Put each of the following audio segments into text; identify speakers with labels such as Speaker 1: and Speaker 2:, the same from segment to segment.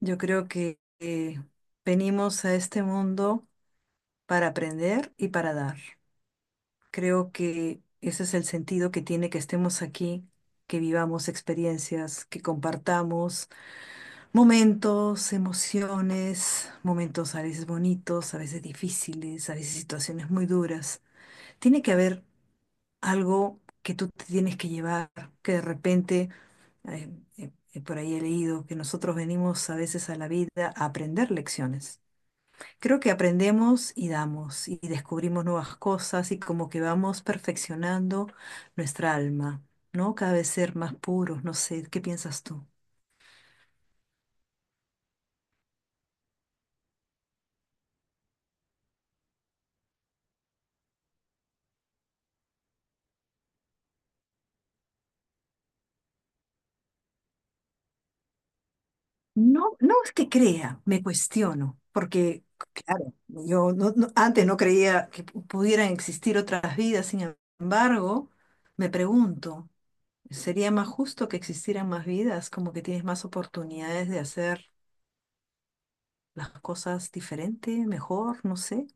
Speaker 1: Yo creo que venimos a este mundo para aprender y para dar. Creo que ese es el sentido que tiene que estemos aquí, que vivamos experiencias, que compartamos momentos, emociones, momentos a veces bonitos, a veces difíciles, a veces situaciones muy duras. Tiene que haber algo que tú te tienes que llevar, que de repente, eh, por ahí he leído que nosotros venimos a veces a la vida a aprender lecciones. Creo que aprendemos y damos y descubrimos nuevas cosas y como que vamos perfeccionando nuestra alma, ¿no? Cada vez ser más puros, no sé, ¿qué piensas tú? No, no es que crea, me cuestiono, porque claro, yo no- no- antes no creía que pudieran existir otras vidas, sin embargo, me pregunto, ¿sería más justo que existieran más vidas? Como que tienes más oportunidades de hacer las cosas diferente, mejor, no sé.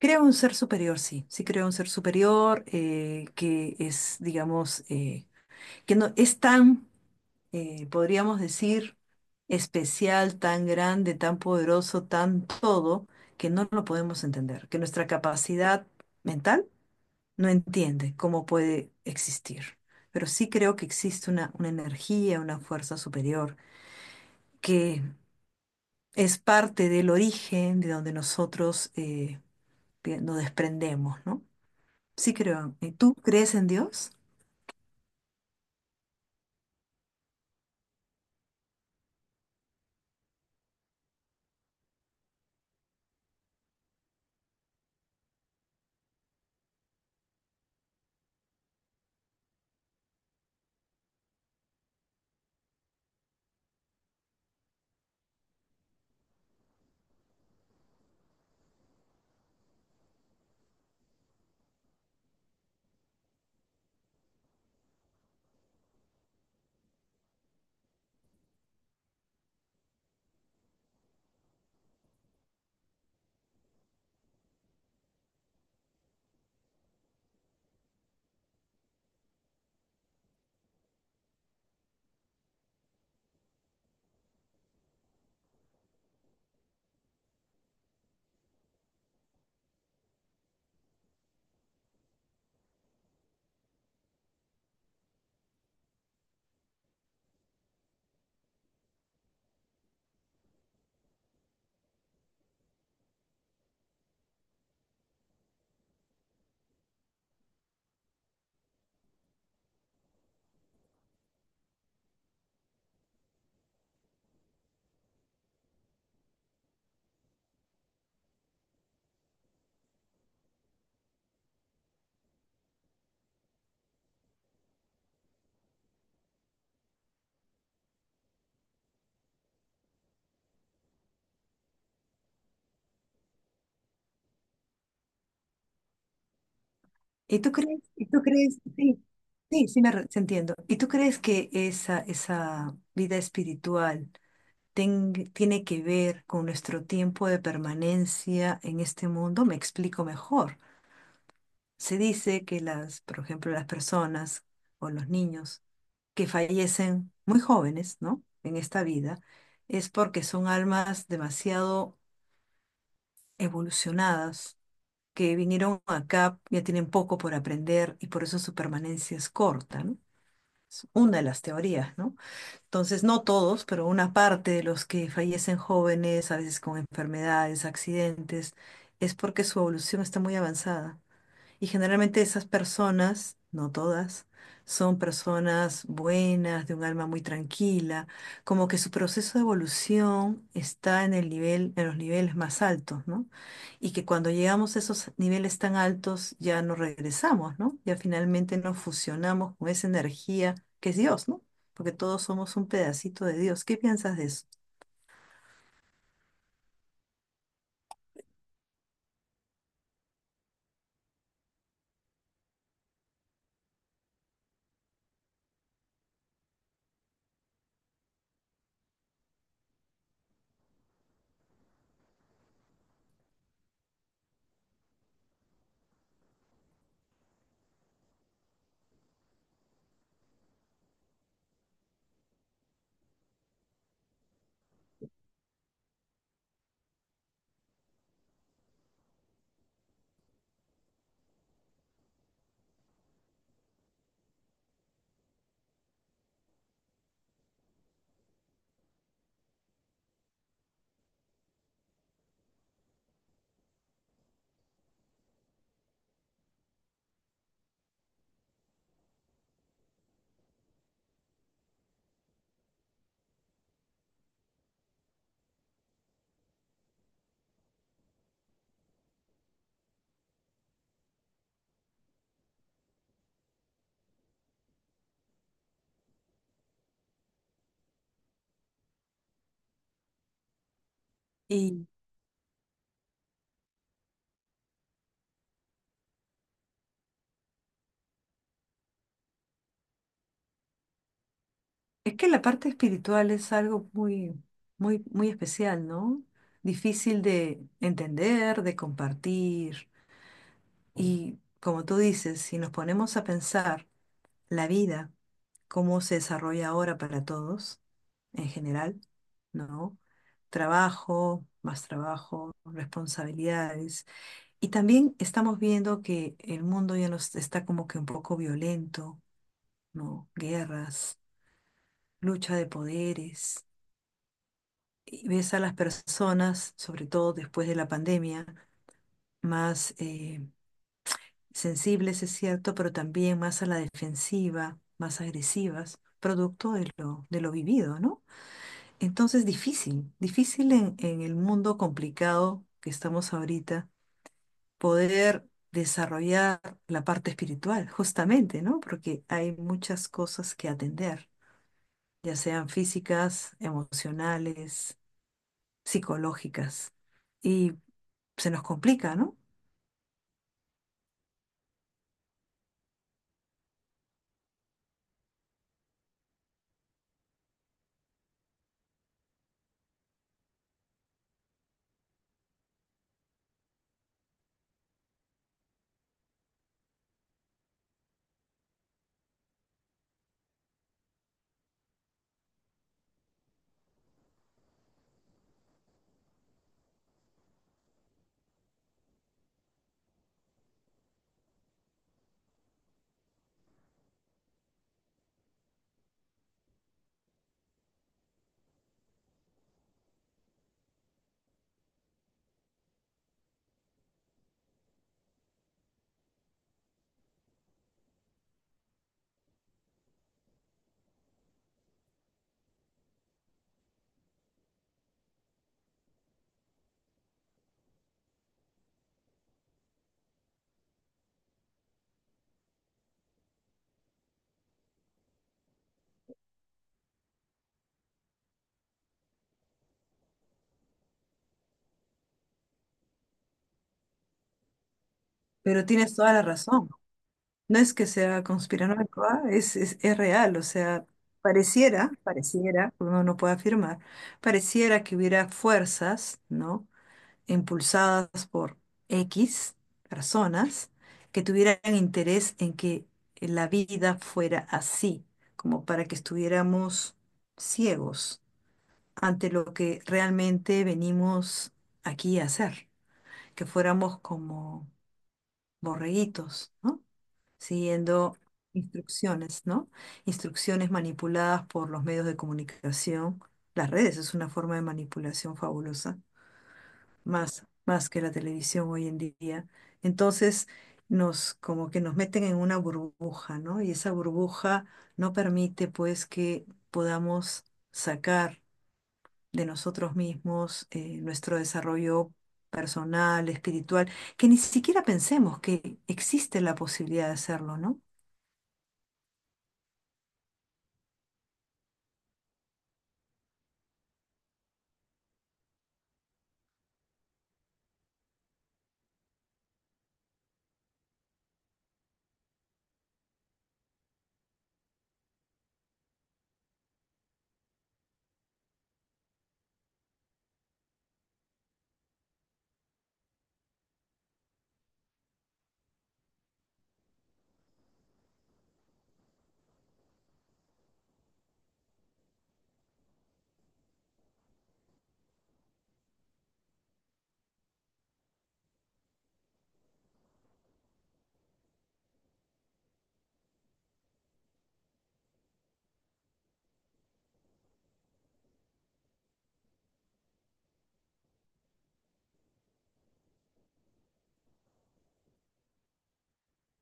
Speaker 1: Creo un ser superior, sí, sí creo un ser superior que es, digamos, que no es tan, podríamos decir, especial, tan grande, tan poderoso, tan todo, que no lo podemos entender, que nuestra capacidad mental no entiende cómo puede existir. Pero sí creo que existe una energía, una fuerza superior, que es parte del origen de donde nosotros nos desprendemos, ¿no? Sí creo. ¿Y tú crees en Dios? ¿Y tú crees? Sí, sí, sí entiendo. ¿Y tú crees que esa vida espiritual tiene que ver con nuestro tiempo de permanencia en este mundo? Me explico mejor. Se dice que las, por ejemplo, las personas o los niños que fallecen muy jóvenes, ¿no? En esta vida, es porque son almas demasiado evolucionadas que vinieron acá ya tienen poco por aprender y por eso su permanencia es corta, ¿no? Es una de las teorías, ¿no? Entonces, no todos, pero una parte de los que fallecen jóvenes, a veces con enfermedades, accidentes, es porque su evolución está muy avanzada. Y generalmente esas personas, no todas, son personas buenas, de un alma muy tranquila, como que su proceso de evolución está en el nivel, en los niveles más altos, ¿no? Y que cuando llegamos a esos niveles tan altos ya no regresamos, ¿no? Ya finalmente nos fusionamos con esa energía que es Dios, ¿no? Porque todos somos un pedacito de Dios. ¿Qué piensas de eso? Es que la parte espiritual es algo muy, muy, muy especial, ¿no? Difícil de entender, de compartir. Y como tú dices, si nos ponemos a pensar la vida, cómo se desarrolla ahora para todos, en general, ¿no? Trabajo, más trabajo, responsabilidades. Y también estamos viendo que el mundo ya nos está como que un poco violento, ¿no? Guerras, lucha de poderes y ves a las personas, sobre todo después de la pandemia, más sensibles, es cierto, pero también más a la defensiva, más agresivas, producto de de lo vivido, ¿no? Entonces, difícil, difícil en el mundo complicado que estamos ahorita, poder desarrollar la parte espiritual, justamente, ¿no? Porque hay muchas cosas que atender, ya sean físicas, emocionales, psicológicas. Y se nos complica, ¿no? Pero tienes toda la razón. No es que sea conspiranoico, ¿ah? Es real, o sea, pareciera, pareciera, uno no puede afirmar, pareciera que hubiera fuerzas, ¿no? Impulsadas por X personas que tuvieran interés en que la vida fuera así, como para que estuviéramos ciegos ante lo que realmente venimos aquí a hacer, que fuéramos como borreguitos, ¿no? Siguiendo instrucciones, ¿no? Instrucciones manipuladas por los medios de comunicación. Las redes es una forma de manipulación fabulosa, más que la televisión hoy en día. Entonces, como que nos meten en una burbuja, ¿no? Y esa burbuja no permite, pues, que podamos sacar de nosotros mismos, nuestro desarrollo personal, espiritual, que ni siquiera pensemos que existe la posibilidad de hacerlo, ¿no?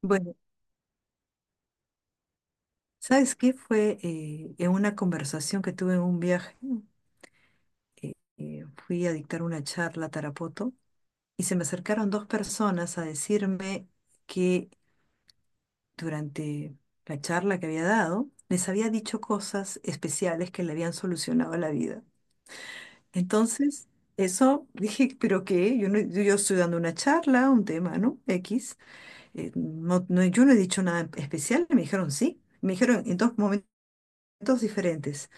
Speaker 1: Bueno, ¿sabes qué? Fue en una conversación que tuve en un viaje, fui a dictar una charla a Tarapoto y se me acercaron dos personas a decirme que durante la charla que había dado, les había dicho cosas especiales que le habían solucionado la vida. Entonces, eso dije, pero qué, yo, yo estoy dando una charla, un tema, ¿no? X. Yo no he dicho nada especial, y me dijeron sí. Me dijeron en dos momentos diferentes.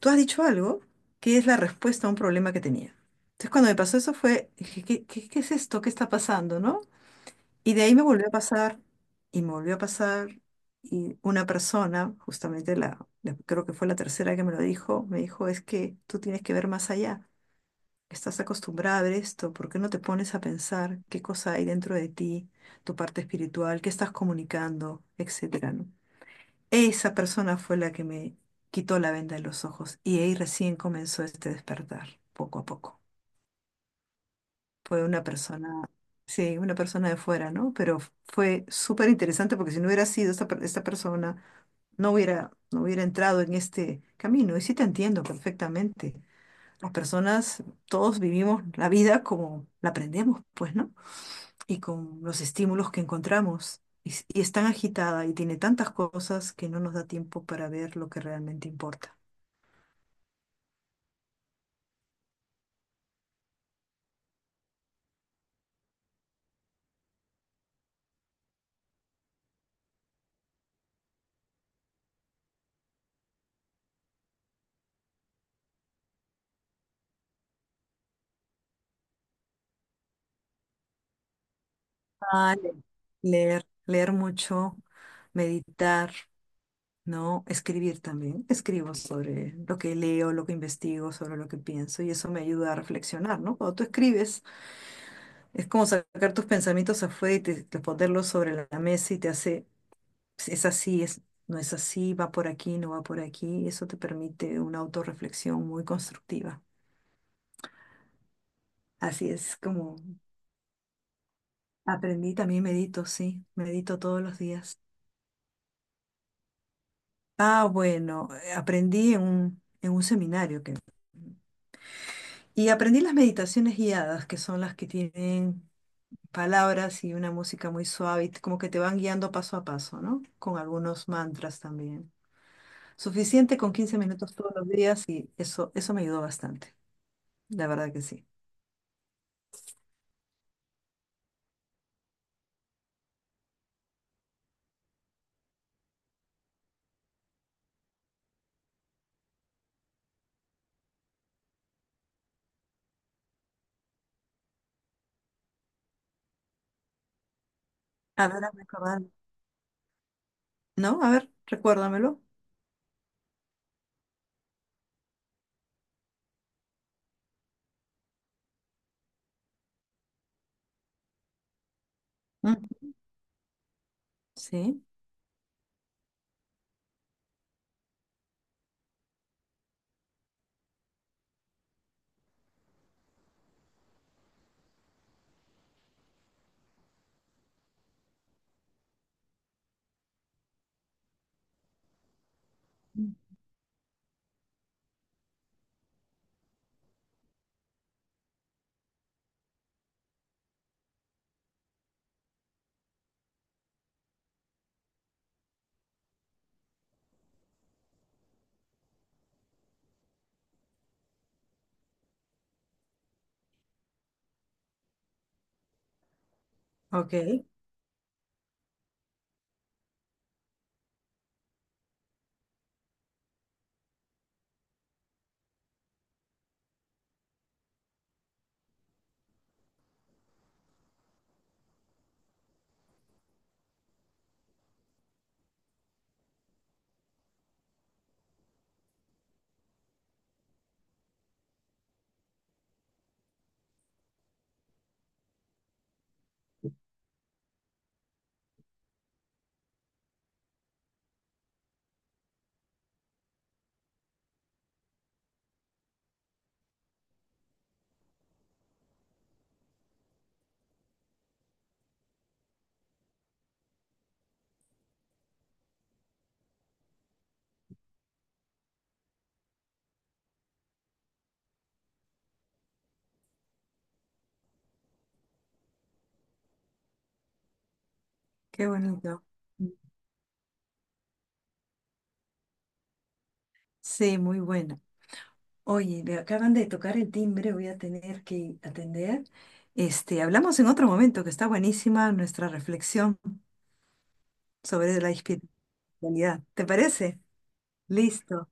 Speaker 1: Tú has dicho algo que es la respuesta a un problema que tenía. Entonces, cuando me pasó eso fue, dije, ¿qué, qué, qué es esto? ¿Qué está pasando, no? Y de ahí me volvió a pasar, y me volvió a pasar, y una persona, justamente creo que fue la tercera que me lo dijo, me dijo, es que tú tienes que ver más allá. Estás acostumbrada a ver esto, ¿por qué no te pones a pensar qué cosa hay dentro de ti, tu parte espiritual, qué estás comunicando, etcétera, ¿no? Esa persona fue la que me quitó la venda de los ojos y ahí recién comenzó este despertar, poco a poco. Fue una persona, sí, una persona de fuera, ¿no? Pero fue súper interesante porque si no hubiera sido esta persona, no hubiera entrado en este camino. Y sí te entiendo perfectamente las personas, todos vivimos la vida como la aprendemos, pues, ¿no? Y con los estímulos que encontramos. Y es tan agitada y tiene tantas cosas que no nos da tiempo para ver lo que realmente importa. Vale. Leer mucho, meditar, ¿no? Escribir también. Escribo sobre lo que leo, lo que investigo, sobre lo que pienso y eso me ayuda a reflexionar, ¿no? Cuando tú escribes, es como sacar tus pensamientos afuera y te ponerlos sobre la mesa y te hace pues, es así, es, no es así, va por aquí, no va por aquí. Eso te permite una autorreflexión muy constructiva. Así es como aprendí, también medito, sí, medito todos los días. Ah, bueno, aprendí en un seminario que… Y aprendí las meditaciones guiadas, que son las que tienen palabras y una música muy suave, y como que te van guiando paso a paso, ¿no? Con algunos mantras también. Suficiente con 15 minutos todos los días y eso me ayudó bastante, la verdad que sí. A ver, hazme acordar. No, a ver, recuérdamelo. Mm, sí. Mm. Ok, qué bonito. Mm. Sí, muy buena. Oye, me acaban de tocar el timbre, voy a tener que atender. Este, hablamos en otro momento, que está buenísima nuestra reflexión sobre la espiritualidad. ¿Te parece? Listo.